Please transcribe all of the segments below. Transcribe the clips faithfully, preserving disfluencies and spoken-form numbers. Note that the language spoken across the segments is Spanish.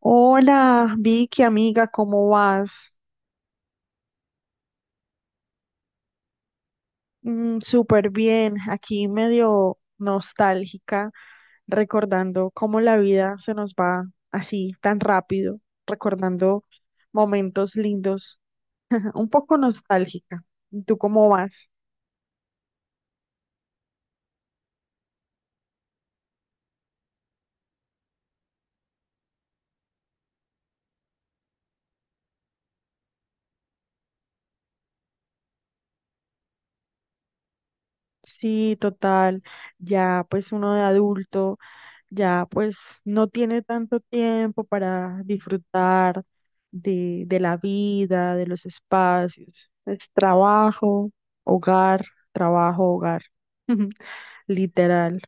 Hola, Vicky, amiga, ¿cómo vas? Mm, súper bien, aquí medio nostálgica, recordando cómo la vida se nos va así tan rápido, recordando momentos lindos, un poco nostálgica. ¿Y tú cómo vas? Sí, total, ya pues uno de adulto. Ya pues no tiene tanto tiempo para disfrutar de, de la vida, de los espacios. Es trabajo, hogar, trabajo, hogar, literal.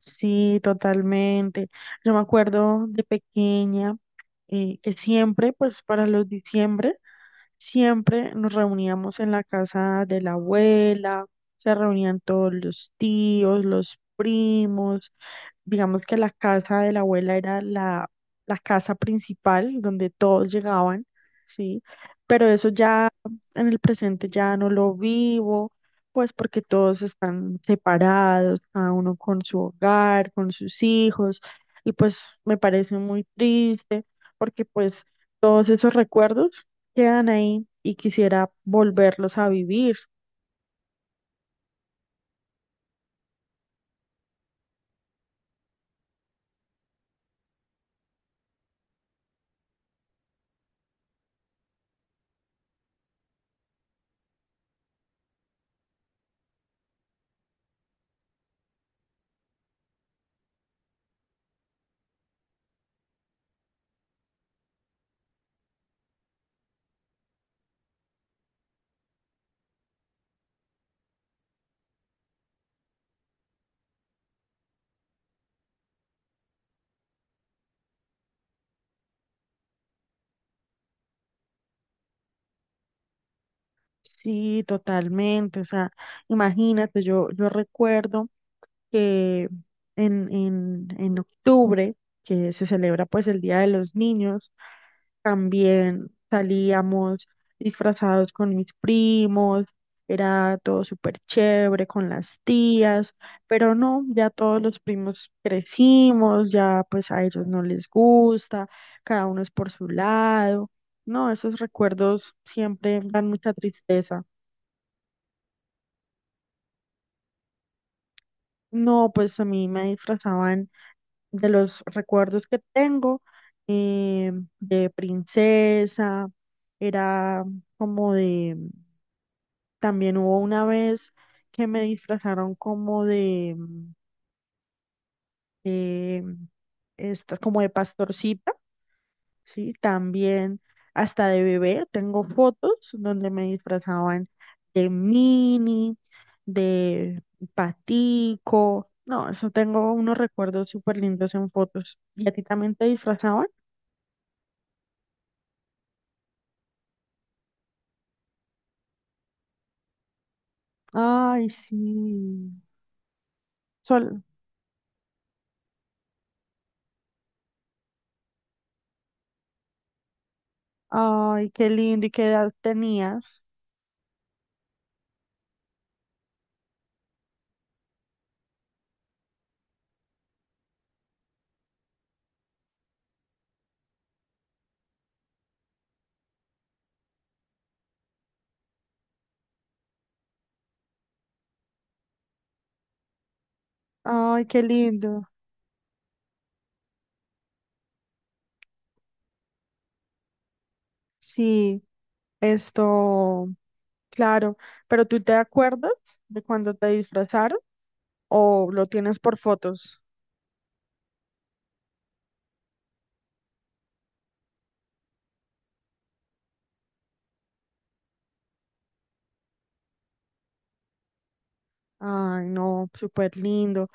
Sí, totalmente. Yo me acuerdo de pequeña, eh, que siempre, pues para los diciembre, siempre nos reuníamos en la casa de la abuela, se reunían todos los tíos, los primos. Digamos que la casa de la abuela era la, la casa principal donde todos llegaban, ¿sí? Pero eso ya en el presente ya no lo vivo pues porque todos están separados, cada uno con su hogar, con sus hijos, y pues me parece muy triste porque pues todos esos recuerdos quedan ahí y quisiera volverlos a vivir. Sí, totalmente. O sea, imagínate, yo, yo recuerdo que en, en, en octubre, que se celebra pues el Día de los Niños, también salíamos disfrazados con mis primos, era todo súper chévere con las tías, pero no, ya todos los primos crecimos, ya pues a ellos no les gusta, cada uno es por su lado. No, esos recuerdos siempre dan mucha tristeza. No, pues a mí me disfrazaban, de los recuerdos que tengo, eh, de princesa, era como de, también hubo una vez que me disfrazaron como de, mm, eh, estas, como de pastorcita. Sí, también hasta de bebé tengo fotos donde me disfrazaban de mini, de patico. No, eso tengo unos recuerdos súper lindos en fotos. ¿Y a ti también te disfrazaban? Ay, sí. Sol. Ay, qué lindo. ¿Y qué edad tenías? Ay, qué lindo. Sí, esto, claro. ¿Pero tú te acuerdas de cuando te disfrazaron o lo tienes por fotos? Ay, no, súper lindo.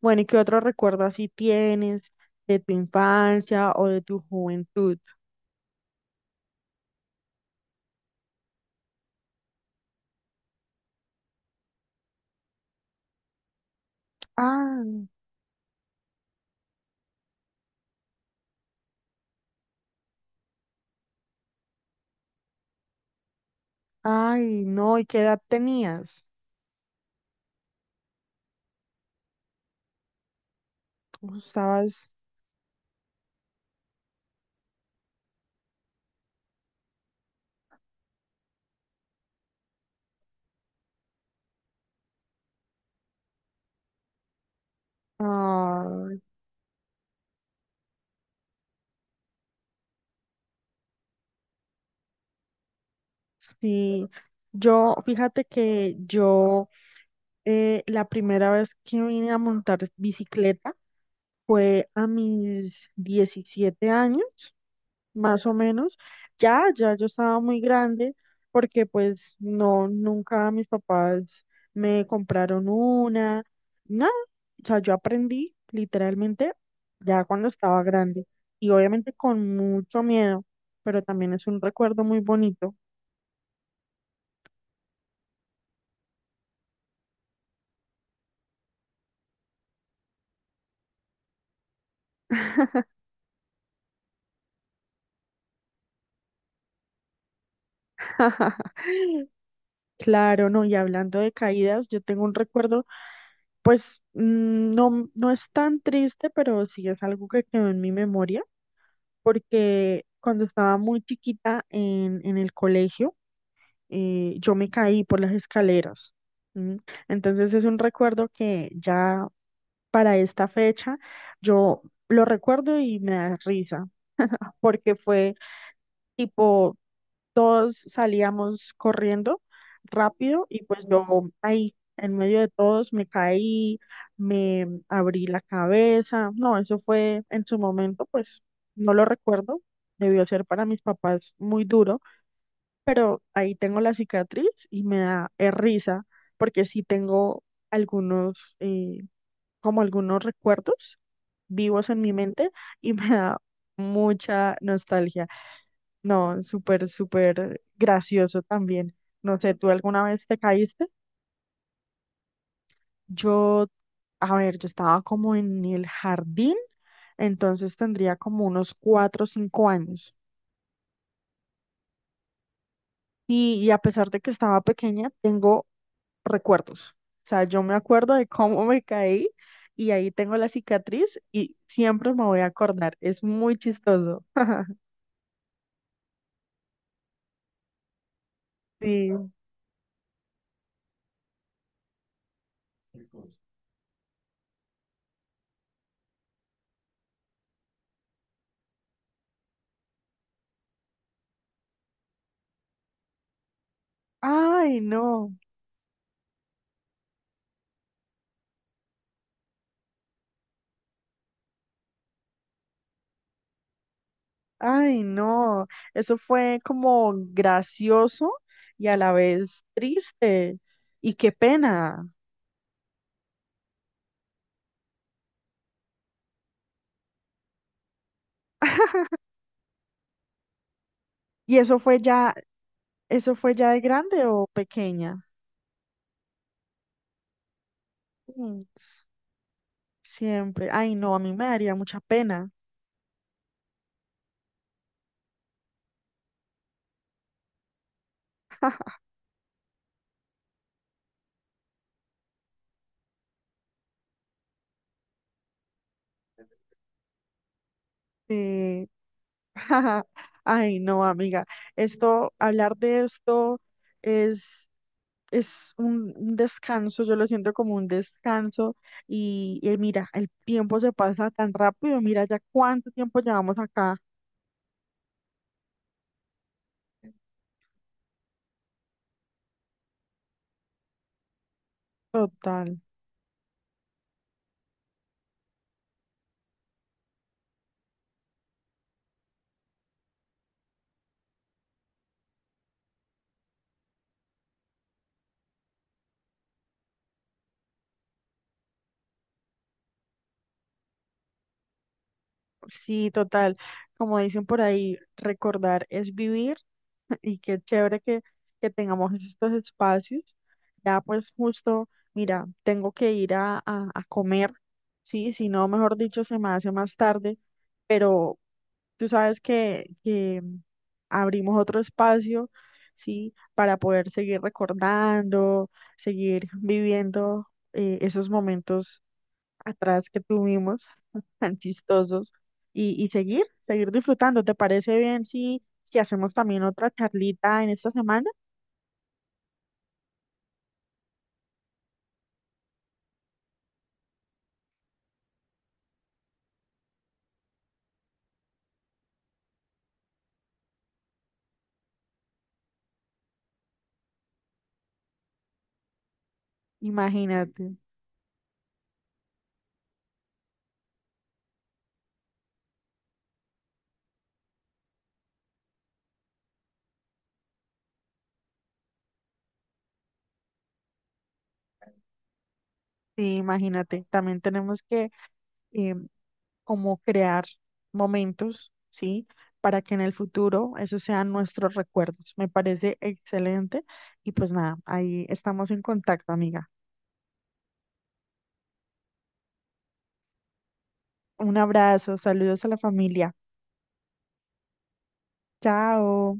Bueno, ¿y qué otro recuerdo así tienes de tu infancia o de tu juventud? Ah. Ay, no, ¿y qué edad tenías? ¿Cómo estabas? Ay. Sí, yo, fíjate que yo, eh, la primera vez que vine a montar bicicleta fue a mis diecisiete años, más o menos. Ya, ya yo estaba muy grande porque pues no, nunca mis papás me compraron una, nada. O sea, yo aprendí literalmente ya cuando estaba grande y obviamente con mucho miedo, pero también es un recuerdo muy bonito. Claro, no, y hablando de caídas, yo tengo un recuerdo, pues mm, no, no es tan triste, pero sí es algo que quedó en mi memoria, porque cuando estaba muy chiquita en, en el colegio, eh, yo me caí por las escaleras. ¿M? Entonces es un recuerdo que ya para esta fecha yo lo recuerdo y me da risa, porque fue tipo todos salíamos corriendo rápido y pues yo ahí, en medio de todos, me caí, me abrí la cabeza. No, eso fue en su momento, pues no lo recuerdo. Debió ser para mis papás muy duro, pero ahí tengo la cicatriz y me da eh, risa porque sí tengo algunos, eh, como algunos recuerdos vivos en mi mente y me da mucha nostalgia. No, súper, súper gracioso también. No sé, ¿tú alguna vez te caíste? Yo, a ver, yo estaba como en el jardín, entonces tendría como unos cuatro o cinco años. Y, y a pesar de que estaba pequeña, tengo recuerdos. O sea, yo me acuerdo de cómo me caí y ahí tengo la cicatriz y siempre me voy a acordar. Es muy chistoso. Sí. Ay, no. Ay, no, eso fue como gracioso y a la vez triste. Y qué pena. ¿Y eso fue ya, eso fue ya de grande o pequeña? Mm, s- Siempre. Ay, no, a mí me daría mucha pena. Sí. Ay, no, amiga. Esto, hablar de esto es es un un descanso, yo lo siento como un descanso y, y mira, el tiempo se pasa tan rápido, mira ya cuánto tiempo llevamos acá. Total, sí, total. Como dicen por ahí, recordar es vivir y qué chévere que, que tengamos estos espacios. Ya pues justo, mira, tengo que ir a, a, a comer, sí, si no, mejor dicho, se me hace más tarde, pero tú sabes que, que abrimos otro espacio, ¿sí? Para poder seguir recordando, seguir viviendo, eh, esos momentos atrás que tuvimos, tan chistosos, y, y seguir, seguir disfrutando. ¿Te parece bien si, si hacemos también otra charlita en esta semana? Imagínate, sí, imagínate. También tenemos que, eh, cómo crear momentos, ¿sí? Para que en el futuro esos sean nuestros recuerdos. Me parece excelente. Y pues nada, ahí estamos en contacto, amiga. Un abrazo, saludos a la familia. Chao.